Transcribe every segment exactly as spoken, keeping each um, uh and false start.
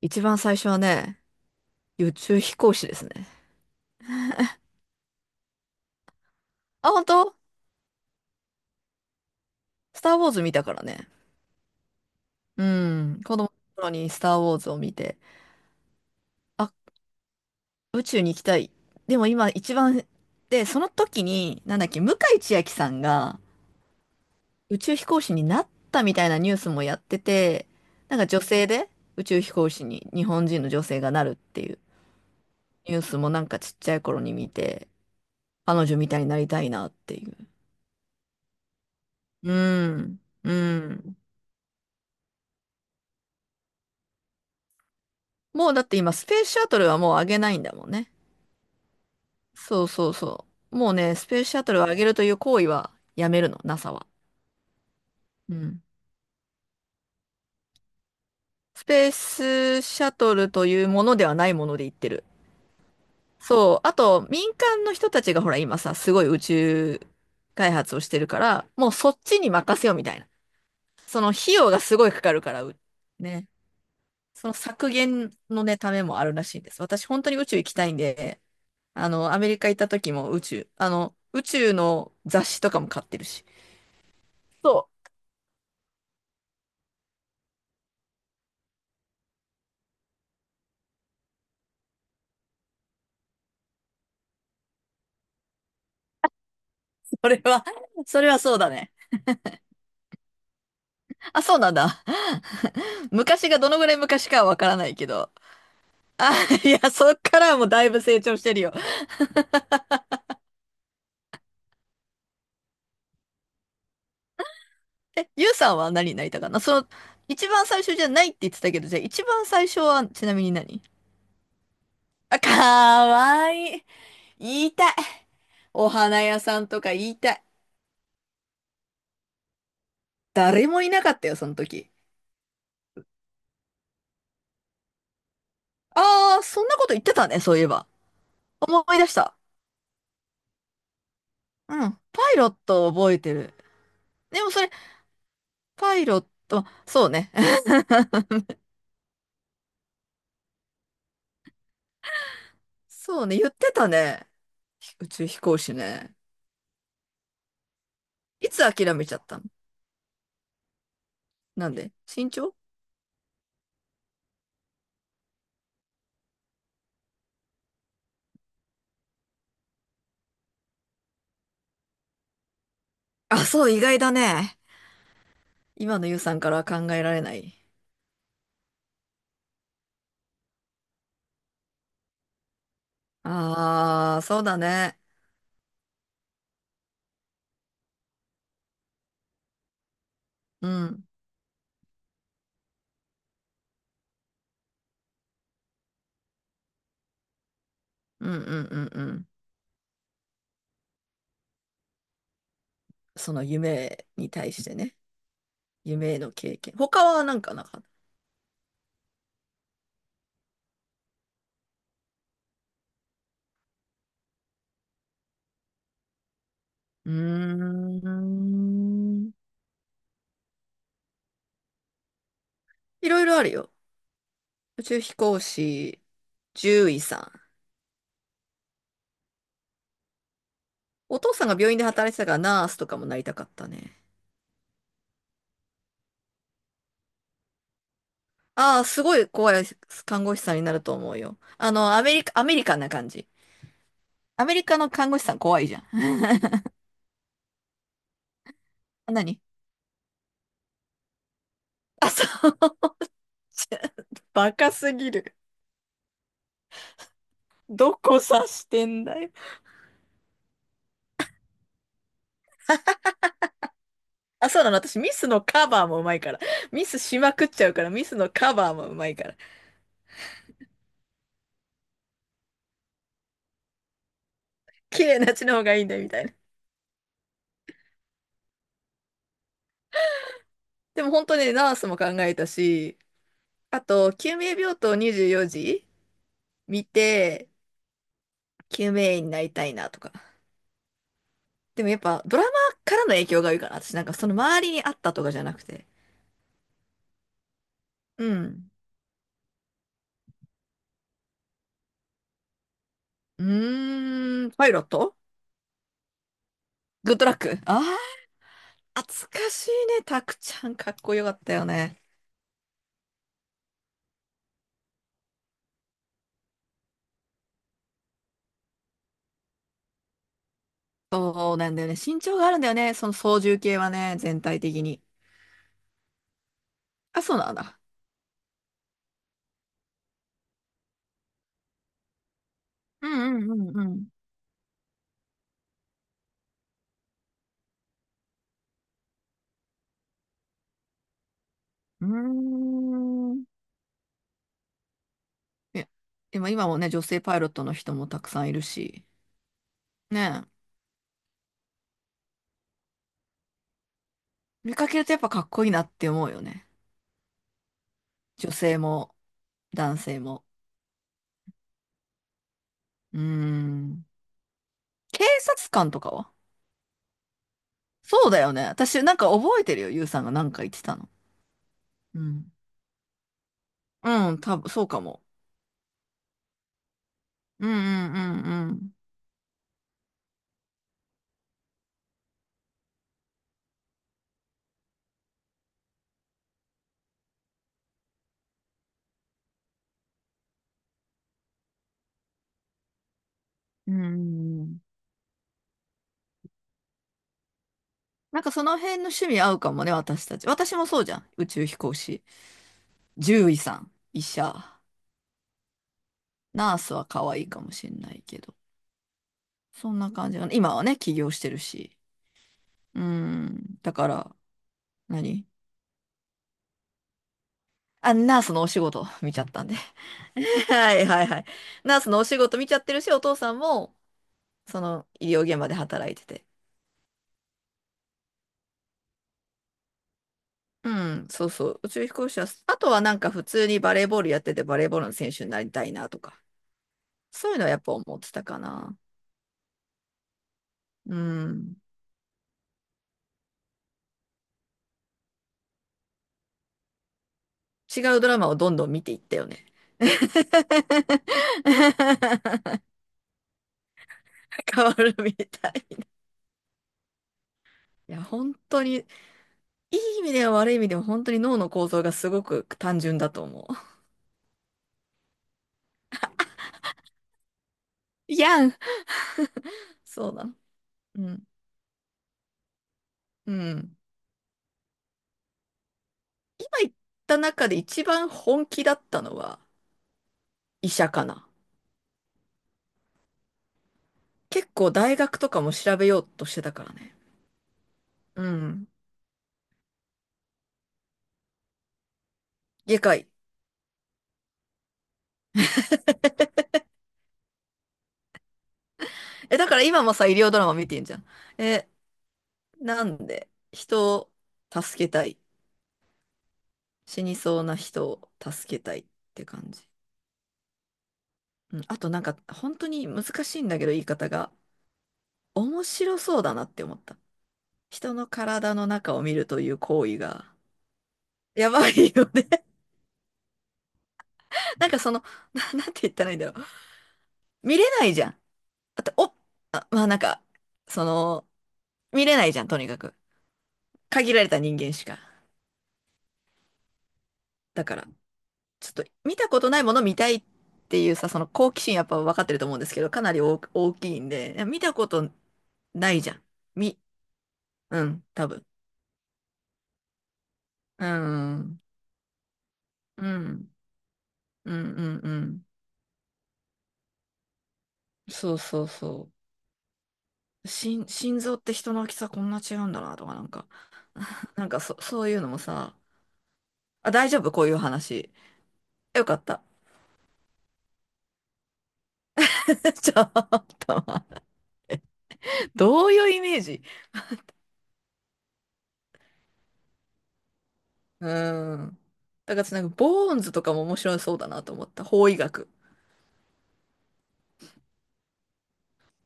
一番最初はね、宇宙飛行士ですね。あ、本当。スター・ウォーズ見たからね。うん。子供の頃にスター・ウォーズを見て、あ、宇宙に行きたい。でも今一番、で、その時に、なんだっけ、向井千秋さんが宇宙飛行士になったみたいなニュースもやってて、なんか女性で宇宙飛行士に日本人の女性がなるっていうニュースもなんかちっちゃい頃に見て、彼女みたいになりたいなっていう。うん。うん。もうだって今、スペースシャトルはもう上げないんだもんね。そうそうそう。もうね、スペースシャトルを上げるという行為はやめるの、NASA は。うん。スペースシャトルというものではないもので言ってる。そう。あと、民間の人たちがほら、今さ、すごい宇宙開発をしてるから、もうそっちに任せようみたいな。その費用がすごいかかるから、うね。その削減のね、ためもあるらしいです。私、本当に宇宙行きたいんで、あの、アメリカ行った時も宇宙、あの、宇宙の雑誌とかも買ってるし。そう。それは、それはそうだね。あ、そうなんだ。昔がどのぐらい昔かはわからないけど。あ、いや、そっからはもうだいぶ成長してるよ。え、ゆうさんは何になりたかな？その、一番最初じゃないって言ってたけど、じゃあ一番最初はちなみに何？あ、かわいい。言いたい。お花屋さんとか言いたい。誰もいなかったよ、その時。ああー、そんなこと言ってたね、そういえば。思い出した。うん。パイロットを覚えてる。でもそれ、パイロット、そうね。そうね、言ってたね。ひ宇宙飛行士ね。いつ諦めちゃったの？なんで身長？あ、そう、意外だね。今のゆうさんからは考えられない。ああ、そうだね。うん。うんうんうんうん。その夢に対してね。夢への経験。他はなんかなかった？うーん。いろいろあるよ。宇宙飛行士、獣医さん。お父さんが病院で働いてたからナースとかもなりたかったね。ああ、すごい怖い看護師さんになると思うよ。あの、アメリカ、アメリカンな感じ。アメリカの看護師さん怖いじゃん。何？あ、そう。バカすぎる。どこ指してんだよ。あ、そうなの。私、ミスのカバーもうまいから。ミスしまくっちゃうから、ミスのカバーもうまいから。綺麗な血の方がいいんだよ、みたいな。でも本当にねナースも考えたし、あと、救命病棟にじゅうよじ見て、救命医になりたいなとか。でもやっぱドラマからの影響が多いから、私なんかその周りにあったとかじゃなくて。うん。うーん、パイロット。グッドラック、ああ懐かしいね。タクちゃんかっこよかったよね。そうなんだよね。身長があるんだよね。その操縦系はね、全体的に。あ、そうなんだ。うんうんうんうん。うーん。ね。でも今もね、女性パイロットの人もたくさんいるし。ねえ、見かけるとやっぱかっこいいなって思うよね。女性も男性も。うーん。警察官とかは？そうだよね。私なんか覚えてるよ。ゆうさんがなんか言ってたの。うん。うん、多分そうかも。うんうんうんうん。うんうん。なんかその辺の趣味合うかもね、私たち。私もそうじゃん。宇宙飛行士。獣医さん、医者、ナースは可愛いかもしんないけど。そんな感じが、今はね、起業してるし。うん。だから、何？あ、ナースのお仕事見ちゃったんで。はいはいはい。ナースのお仕事見ちゃってるし、お父さんも、その医療現場で働いてて。うん、そうそう。宇宙飛行士は、あとはなんか普通にバレーボールやっててバレーボールの選手になりたいなとか、そういうのはやっぱ思ってたかな。うん。違うドラマをどんどん見ていったよね。変わるみたい。いや、本当に、いい意味では悪い意味でも本当に脳の構造がすごく単純だと思う。いやん。そうなの。うん。うん。今言った中で一番本気だったのは医者かな。結構大学とかも調べようとしてたからね。うん。外科医。え、だから今もさ、医療ドラマ見てんじゃん。え、なんで、人を助けたい。死にそうな人を助けたいって感じ。うん。あとなんか、本当に難しいんだけど、言い方が。面白そうだなって思った。人の体の中を見るという行為が、やばいよね。なんかその、な、なんて言ったらいいんだろう。見れないじゃん。あと、お、あまあなんか、その、見れないじゃん、とにかく。限られた人間しか。だから、ちょっと見たことないもの見たいっていうさ、その好奇心やっぱ分かってると思うんですけど、かなり大大きいんで、いや見たことないじゃん。み、うん、多分。うん、うん、うん、うん、うん。そうそうそう。心、心臓って人の大きさこんな違うんだなとか、なんか、なんかそ、そういうのもさ、あ、大丈夫？こういう話。よかった。ちょっと、どういうイメージ？うん。だからなんか、ボーンズとかも面白そうだなと思った。法医学。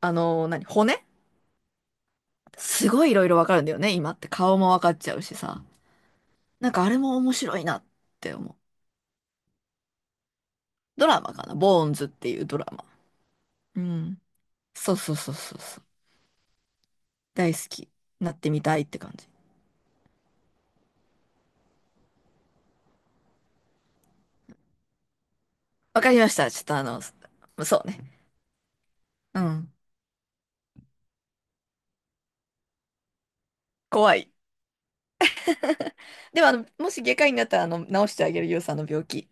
あのー、何、骨すごいいろいろわかるんだよね、今って。顔もわかっちゃうしさ。なんかあれも面白いなって思う。ドラマかな、ボーンズっていうドラマ。うん。そうそうそうそうそう。大好き。なってみたいって感じ。わかりました。ちょっとあの、そうね。うん。怖い。でもあの、もし外科医になったら、あの、治してあげる、ゆうさんの病気。